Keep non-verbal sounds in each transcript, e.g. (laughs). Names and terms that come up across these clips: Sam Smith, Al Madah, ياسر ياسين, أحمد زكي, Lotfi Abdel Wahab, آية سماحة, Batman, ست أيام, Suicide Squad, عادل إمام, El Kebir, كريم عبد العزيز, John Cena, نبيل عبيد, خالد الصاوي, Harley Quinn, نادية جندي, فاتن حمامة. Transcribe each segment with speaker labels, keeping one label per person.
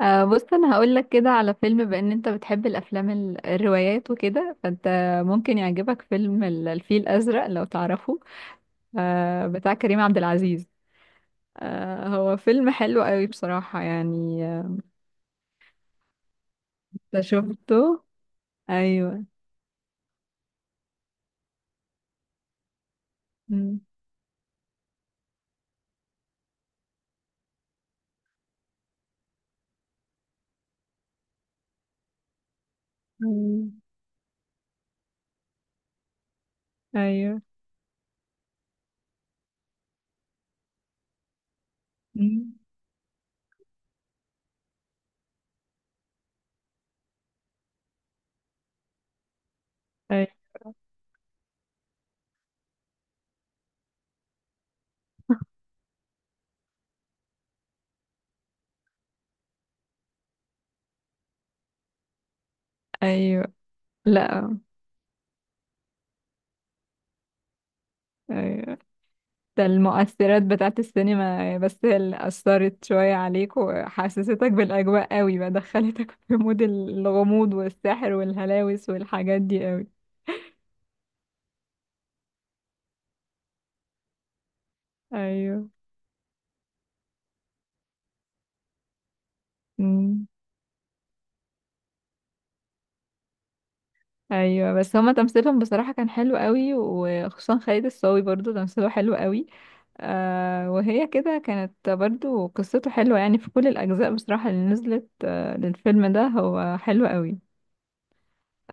Speaker 1: بص انا هقول لك كده على فيلم، بان انت بتحب الافلام الروايات وكده، فانت ممكن يعجبك فيلم الفيل الازرق لو تعرفه. بتاع كريم عبد العزيز. هو فيلم حلو قوي بصراحة يعني. انت شفته؟ ايوه. مم. مم. ايوه. مم. أي- ايوه. لا. ايوه. ده المؤثرات بتاعت السينما، بس هي اللي أثرت شوية عليك وحسستك بالأجواء قوي، بقى دخلتك (laughs) في مود الغموض والسحر والهلاوس والحاجات دي قوي. أيوه. أمم. أيوه، بس هما تمثيلهم بصراحة كان حلو قوي، وخصوصا خالد الصاوي برضو تمثيله حلو قوي. وهي كده كانت برضو قصته حلوة، يعني في كل الأجزاء بصراحة اللي نزلت للفيلم ده هو حلو قوي.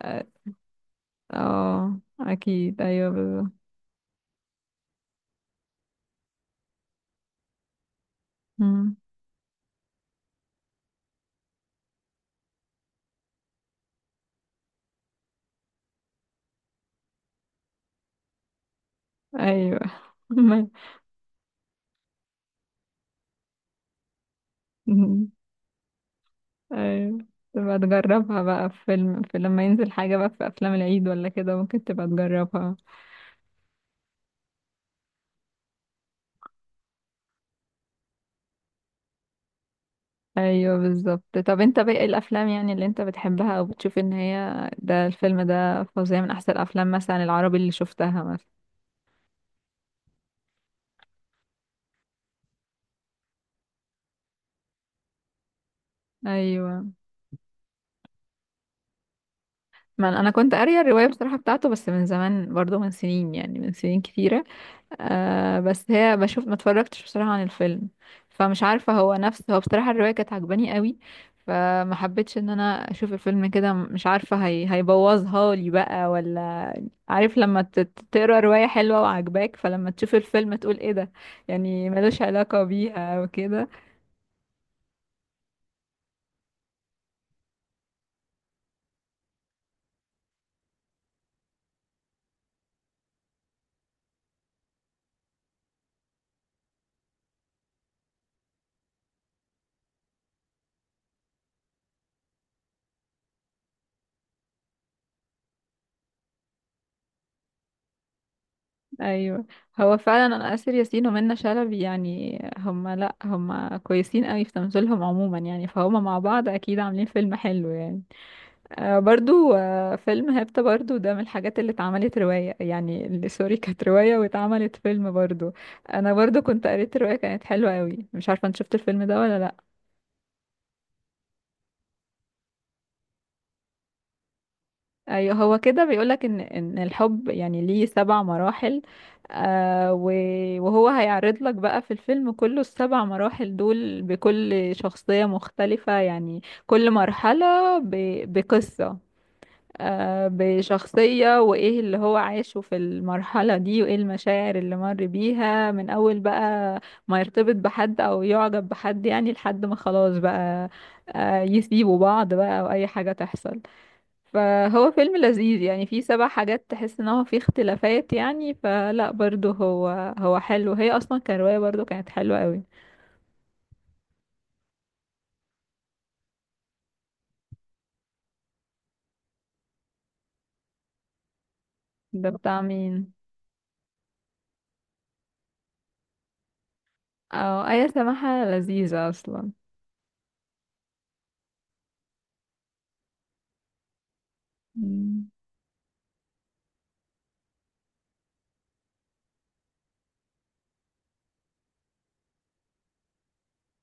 Speaker 1: اه. أكيد، أيوه، بالظبط. ايوه. (laughs) ما- ايوه. تبقى تجربها بقى في فيلم، في لما ينزل حاجة بقى في افلام العيد ولا كده، ممكن تبقى تجربها. ايوه، بالظبط. طب انت باقي الافلام يعني اللي انت بتحبها او بتشوف ان هي ده الفيلم ده فظيع، من احسن الافلام مثلا العربي اللي شفتها مثلا؟ ايوه، ما أنا كنت قارية الرواية بصراحة بتاعته، بس من زمان برضو، من سنين، يعني من سنين كتيرة. بس هي بشوف ما اتفرجتش بصراحة عن الفيلم. فمش عارفة هو نفسه، هو بصراحة الرواية كانت عجباني قوي. فما حبيتش ان انا اشوف الفيلم كده، مش عارفة هي هيبوظها لي بقى ولا. عارف لما تقرا رواية حلوة وعجباك، فلما تشوف الفيلم تقول ايه ده؟ يعني ملوش علاقة بيها وكده. ايوه، هو فعلا انا آسر ياسين ومنى شلبي يعني هما، لا هما كويسين قوي في تمثيلهم عموما يعني، فهما مع بعض اكيد عاملين فيلم حلو يعني. برضو فيلم هيبتا برضو ده من الحاجات اللي اتعملت رواية، يعني اللي سوري كانت رواية واتعملت فيلم برضو. انا برضو كنت قريت رواية كانت حلوة قوي، مش عارفة انت شفت الفيلم ده ولا لا. ايوه، هو كده بيقولك ان الحب يعني ليه 7 مراحل. وهو هيعرض لك بقى في الفيلم كله السبع مراحل دول بكل شخصية مختلفة، يعني كل مرحلة بقصة. بشخصية، وإيه اللي هو عاشه في المرحلة دي، وإيه المشاعر اللي مر بيها من أول بقى، ما يرتبط بحد أو يعجب بحد يعني لحد ما خلاص بقى، يسيبوا بعض بقى أو أي حاجة تحصل. فهو فيلم لذيذ يعني، فيه 7 حاجات تحس إن هو فيه اختلافات يعني، فلا برضو هو حلو، هي أصلا كرواية برضو كانت حلوة قوي. ده بتاع مين؟ أو آية سماحة لذيذة أصلا. مم.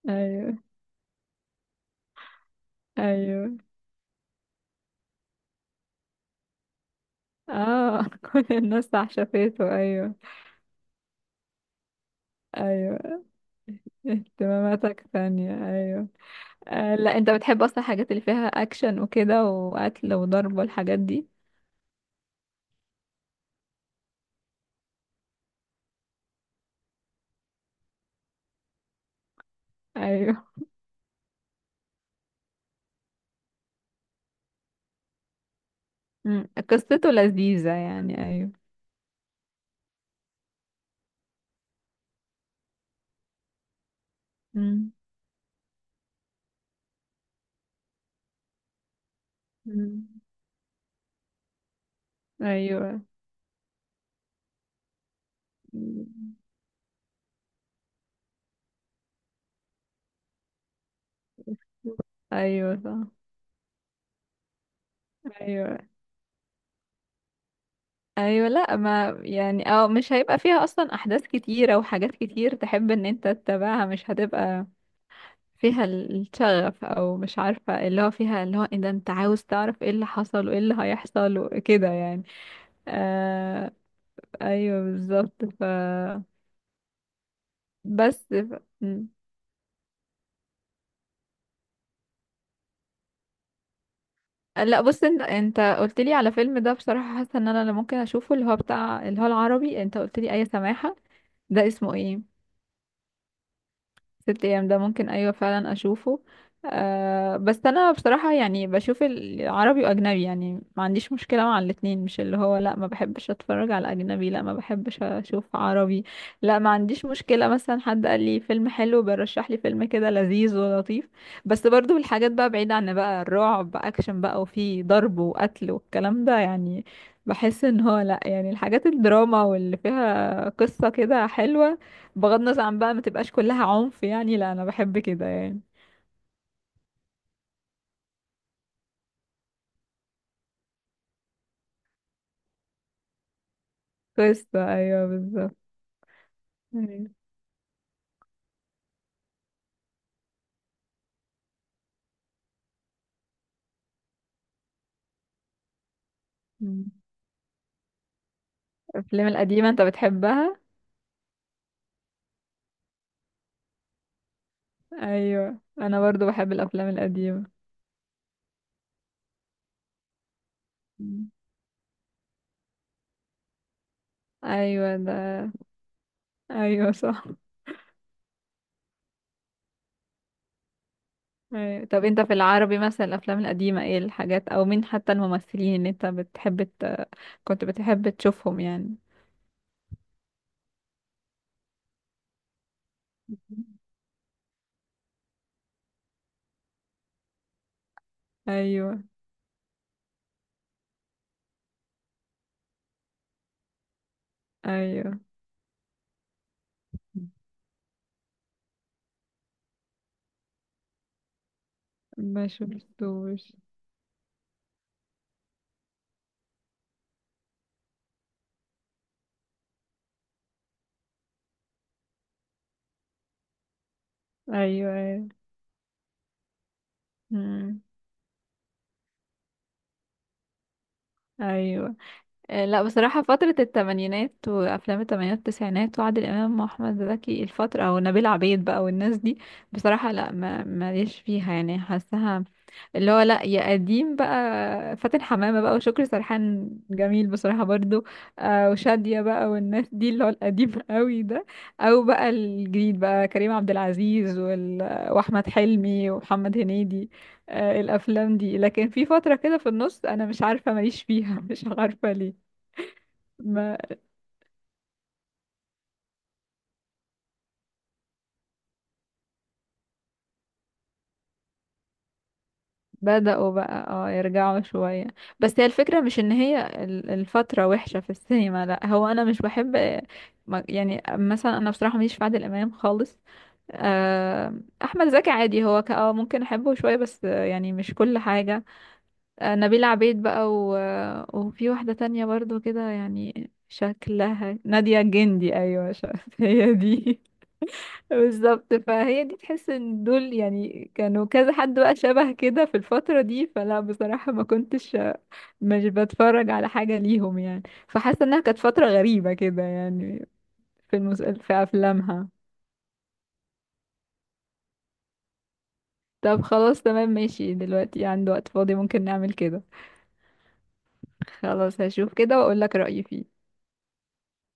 Speaker 1: أيوه، أيوه. اه، (laughs) كل الناس عشفته، ايوه. ايوه، اهتماماتك ثانية، ايوه. لا، انت بتحب اصلا الحاجات اللي فيها اكشن وكده، وقتل وضرب والحاجات دي. ايوه. مم. قصته لذيذة يعني، ايوه. مم. مم. ايوه. مم. ايوه، صح. ايوه، ايوه، لا ما يعني، مش هيبقى فيها اصلا احداث كتيرة وحاجات كتير تحب ان انت تتابعها، مش هتبقى فيها الشغف، او مش عارفه اللي هو فيها اللي هو إيه ده، انت عاوز تعرف ايه اللي حصل وايه اللي هيحصل وكده يعني. آه. ايوه، بالظبط. بس. ف... م. لا، بص، انت قلت لي على فيلم ده بصراحه، حاسه ان انا اللي ممكن اشوفه اللي هو بتاع اللي هو العربي، انت قلت لي اي سماحه. ده اسمه ايه؟ ست ايام، ده ممكن، ايوه فعلا اشوفه. بس انا بصراحة يعني بشوف العربي واجنبي، يعني ما عنديش مشكلة مع الاتنين، مش اللي هو لا ما بحبش اتفرج على اجنبي، لا ما بحبش اشوف عربي. لا، ما عنديش مشكلة، مثلا حد قال لي فيلم حلو بيرشح لي فيلم كده لذيذ ولطيف. بس برضو الحاجات بقى بعيدة عن بقى الرعب، اكشن بقى وفي ضرب وقتل والكلام ده يعني. بحس ان هو لا يعني الحاجات الدراما واللي فيها قصة كده حلوة، بغض النظر عن بقى ما تبقاش كلها عنف يعني، لا انا بحب كده يعني. قصة، ايوه، بالظبط. ايوه. مم. الافلام القديمة انت بتحبها؟ ايوه، انا برضو بحب الافلام القديمة. مم. ايوه، ده ايوه صح. أيوة. طب انت في العربي مثلا الافلام القديمة، ايه الحاجات او مين حتى الممثلين اللي انت بتحب كنت بتحب تشوفهم يعني؟ مم. ايوه. ايوه. ما شفتوش. ايوه. ايوه. مم. ايوه. لا، بصراحة فترة التمانينات وأفلام التمانينات والتسعينات وعادل إمام وأحمد زكي، الفترة أو نبيل عبيد بقى والناس دي بصراحة لا ما ماليش فيها يعني حاسها، اللي هو لا، يا قديم بقى. فاتن حمامة بقى وشكري سرحان جميل بصراحة برضو. وشادية بقى والناس دي اللي هو القديم (laughs) قوي ده. أو بقى الجديد بقى كريم عبد العزيز وأحمد حلمي ومحمد هنيدي. الأفلام دي، لكن في فترة كده في النص أنا مش عارفة ماليش فيها (laughs) مش عارفة ليه. ما بدأوا بقى يرجعوا شوية. بس هي الفكرة مش ان هي الفترة وحشة في السينما، لا هو انا مش بحب. يعني مثلا انا بصراحة ماليش في عادل امام خالص. آه، احمد زكي عادي، هو ممكن احبه شوية، بس يعني مش كل حاجة. نبيلة عبيد بقى. وفي واحدة تانية برضو كده يعني شكلها نادية جندي، ايوه (laughs) هي دي. بالظبط، فهي دي تحس ان دول يعني كانوا كذا حد بقى شبه كده في الفترة دي، فلا بصراحة ما كنتش مش بتفرج على حاجة ليهم يعني، فحاسة انها كانت فترة غريبة كده يعني. في افلامها. طب خلاص، تمام ماشي، دلوقتي عنده وقت فاضي ممكن نعمل كده. خلاص، هشوف كده واقول لك رأيي فيه.